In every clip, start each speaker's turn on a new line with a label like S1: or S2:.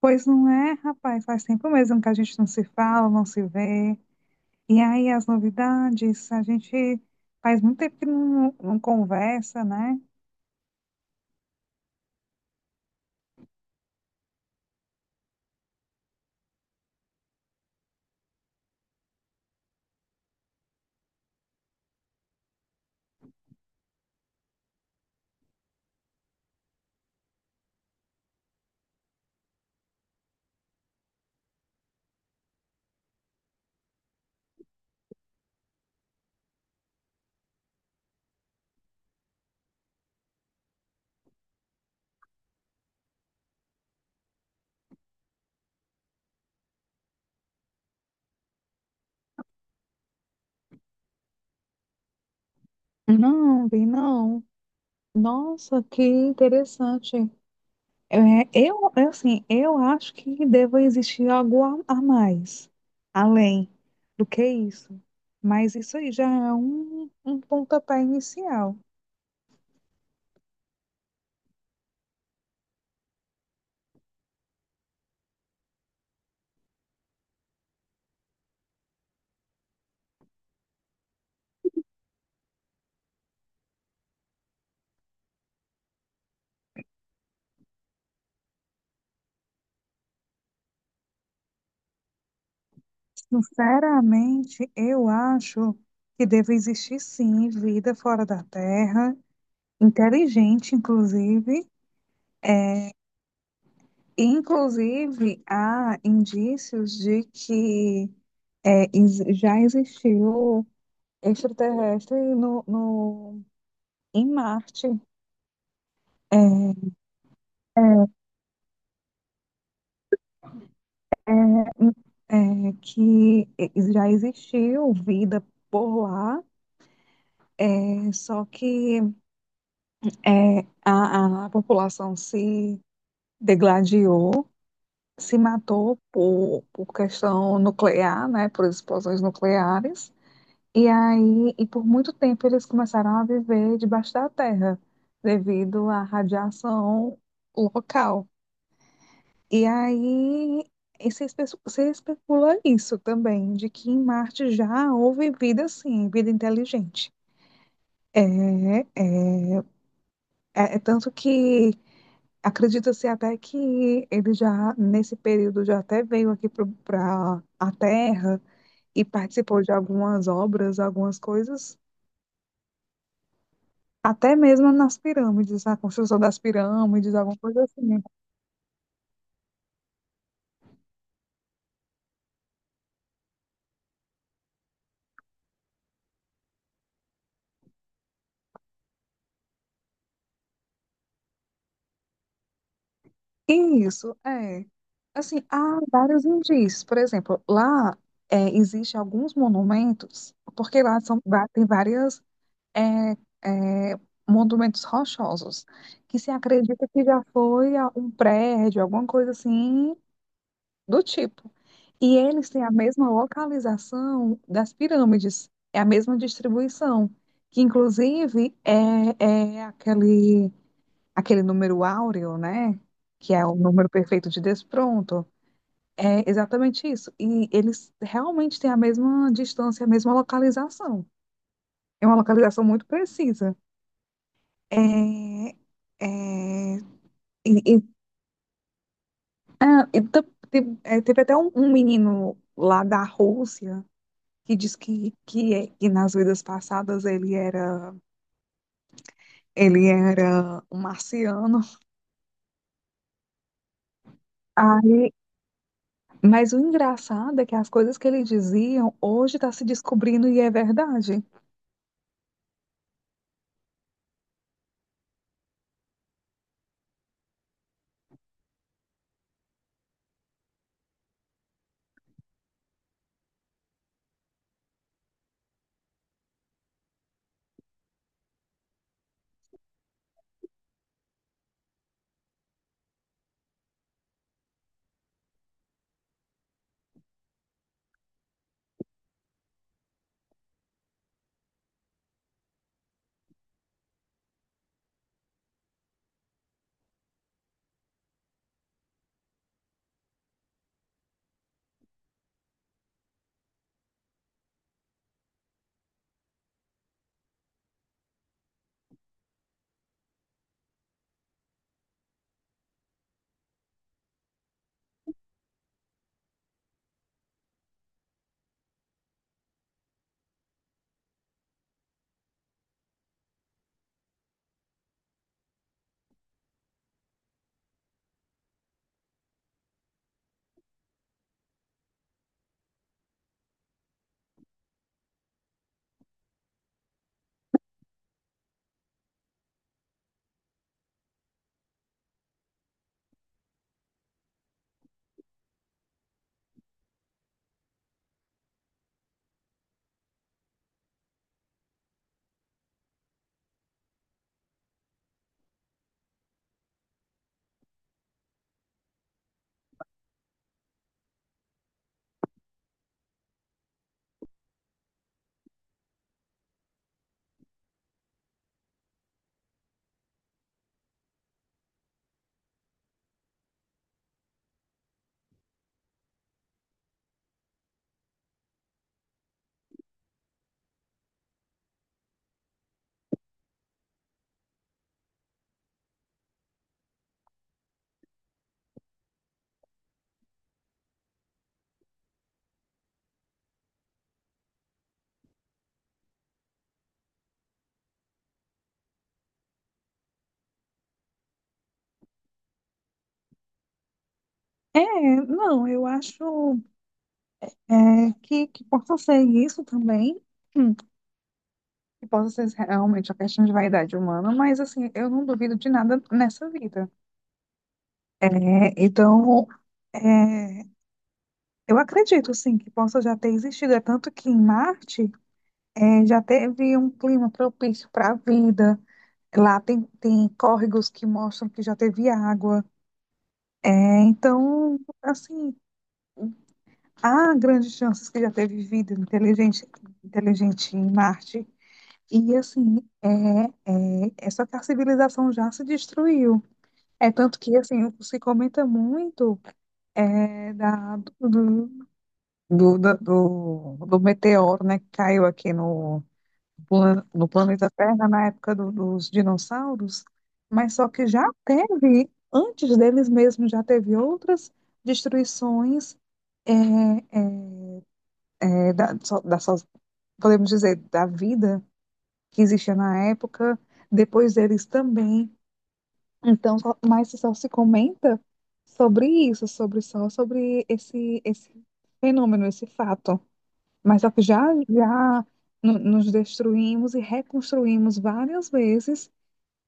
S1: Pois não é, rapaz, faz tempo mesmo que a gente não se fala, não se vê. E aí as novidades, a gente faz muito tempo que não conversa, né? Não, vi não. Nossa, que interessante. É, eu, assim, eu acho que deva existir algo a mais, além do que isso. Mas isso aí já é um pontapé inicial. Sinceramente, eu acho que deve existir sim vida fora da Terra, inteligente, inclusive. Inclusive, há indícios de que já existiu extraterrestre em Marte. É, é que já existiu vida por lá, só que a população se degladiou, se matou por questão nuclear, né, por explosões nucleares. E aí, e por muito tempo eles começaram a viver debaixo da terra, devido à radiação local. E aí, e se especula isso também, de que em Marte já houve vida, sim, vida inteligente. É, é, é tanto que acredita-se até que ele já, nesse período, já até veio aqui para a Terra e participou de algumas obras, algumas coisas, até mesmo nas pirâmides, a construção das pirâmides, alguma coisa assim. Isso, é. Assim, há vários indícios. Por exemplo, lá existem alguns monumentos, porque lá tem várias é, é, monumentos rochosos, que se acredita que já foi um prédio, alguma coisa assim, do tipo. E eles têm a mesma localização das pirâmides, é a mesma distribuição, que inclusive é aquele número áureo, né? Que é o número perfeito de Despronto. É exatamente isso. E eles realmente têm a mesma distância, a mesma localização. É uma localização muito precisa. É, é, e- ah, e tam- te- é, teve até um menino lá da Rússia que diz que nas vidas passadas ele era um marciano. Aí, mas o engraçado é que as coisas que ele diziam hoje está se descobrindo e é verdade. É, não, eu acho que possa ser isso também. Hum, que possa ser realmente a questão de vaidade humana, mas assim, eu não duvido de nada nessa vida. É, então, é, eu acredito, sim, que possa já ter existido. É tanto que em Marte, é, já teve um clima propício para a vida. Lá tem, tem córregos que mostram que já teve água. É, então, assim, há grandes chances que já teve vida inteligente, inteligente em Marte. E, assim, é só que a civilização já se destruiu. É tanto que, assim, se comenta muito é, da, do, do, do, do do meteoro, né, que caiu aqui no planeta Terra na época dos dinossauros, mas só que já teve, antes deles mesmos, já teve outras destruições, é, é, da, so- da so- podemos dizer, da vida que existia na época, depois deles também. Então, mas só se comenta sobre isso, sobre só sobre esse fenômeno, esse fato. Mas só que já, já nos destruímos e reconstruímos várias vezes,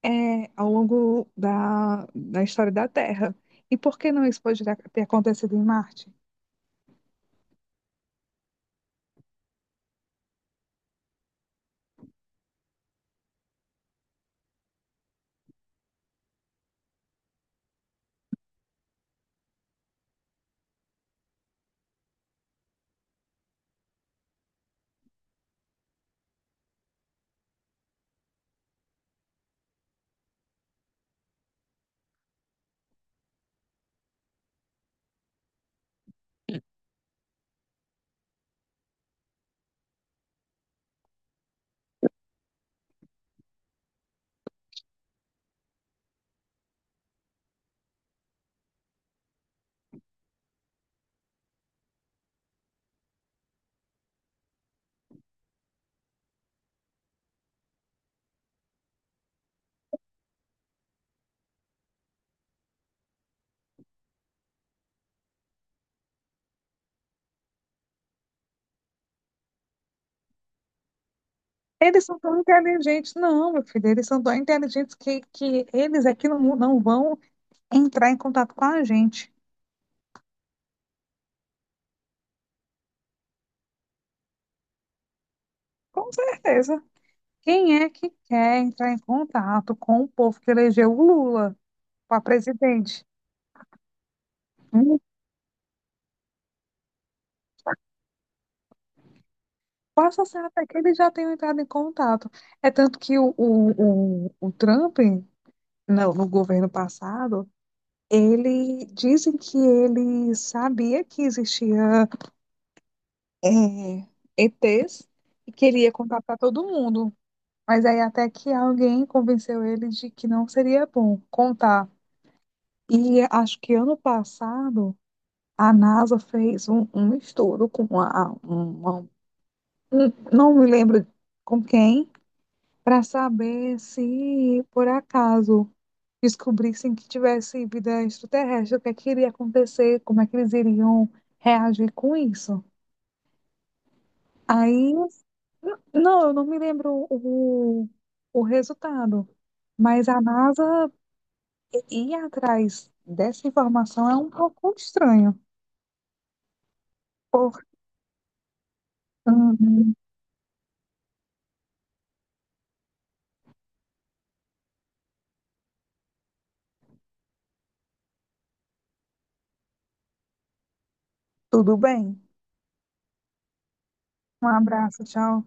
S1: ao longo da história da Terra. E por que não isso pode ter acontecido em Marte? Eles são tão inteligentes. Não, meu filho, eles são tão inteligentes que eles aqui não vão entrar em contato com a gente. Com certeza. Quem é que quer entrar em contato com o povo que elegeu o Lula para presidente? Hum, Passa a ser até que eles já tenham entrado em contato. É tanto que o Trump, no governo passado, ele dizem que ele sabia que existia é, ETs e queria contar para todo mundo. Mas aí até que alguém convenceu ele de que não seria bom contar. E acho que ano passado a NASA fez um estudo com não me lembro com quem, para saber se por acaso descobrissem que tivesse vida extraterrestre, o que é que iria acontecer, como é que eles iriam reagir com isso. Aí, não, eu não me lembro o resultado, mas a NASA ir atrás dessa informação é um pouco estranho. Por... Uhum. Tudo bem. Um abraço, tchau.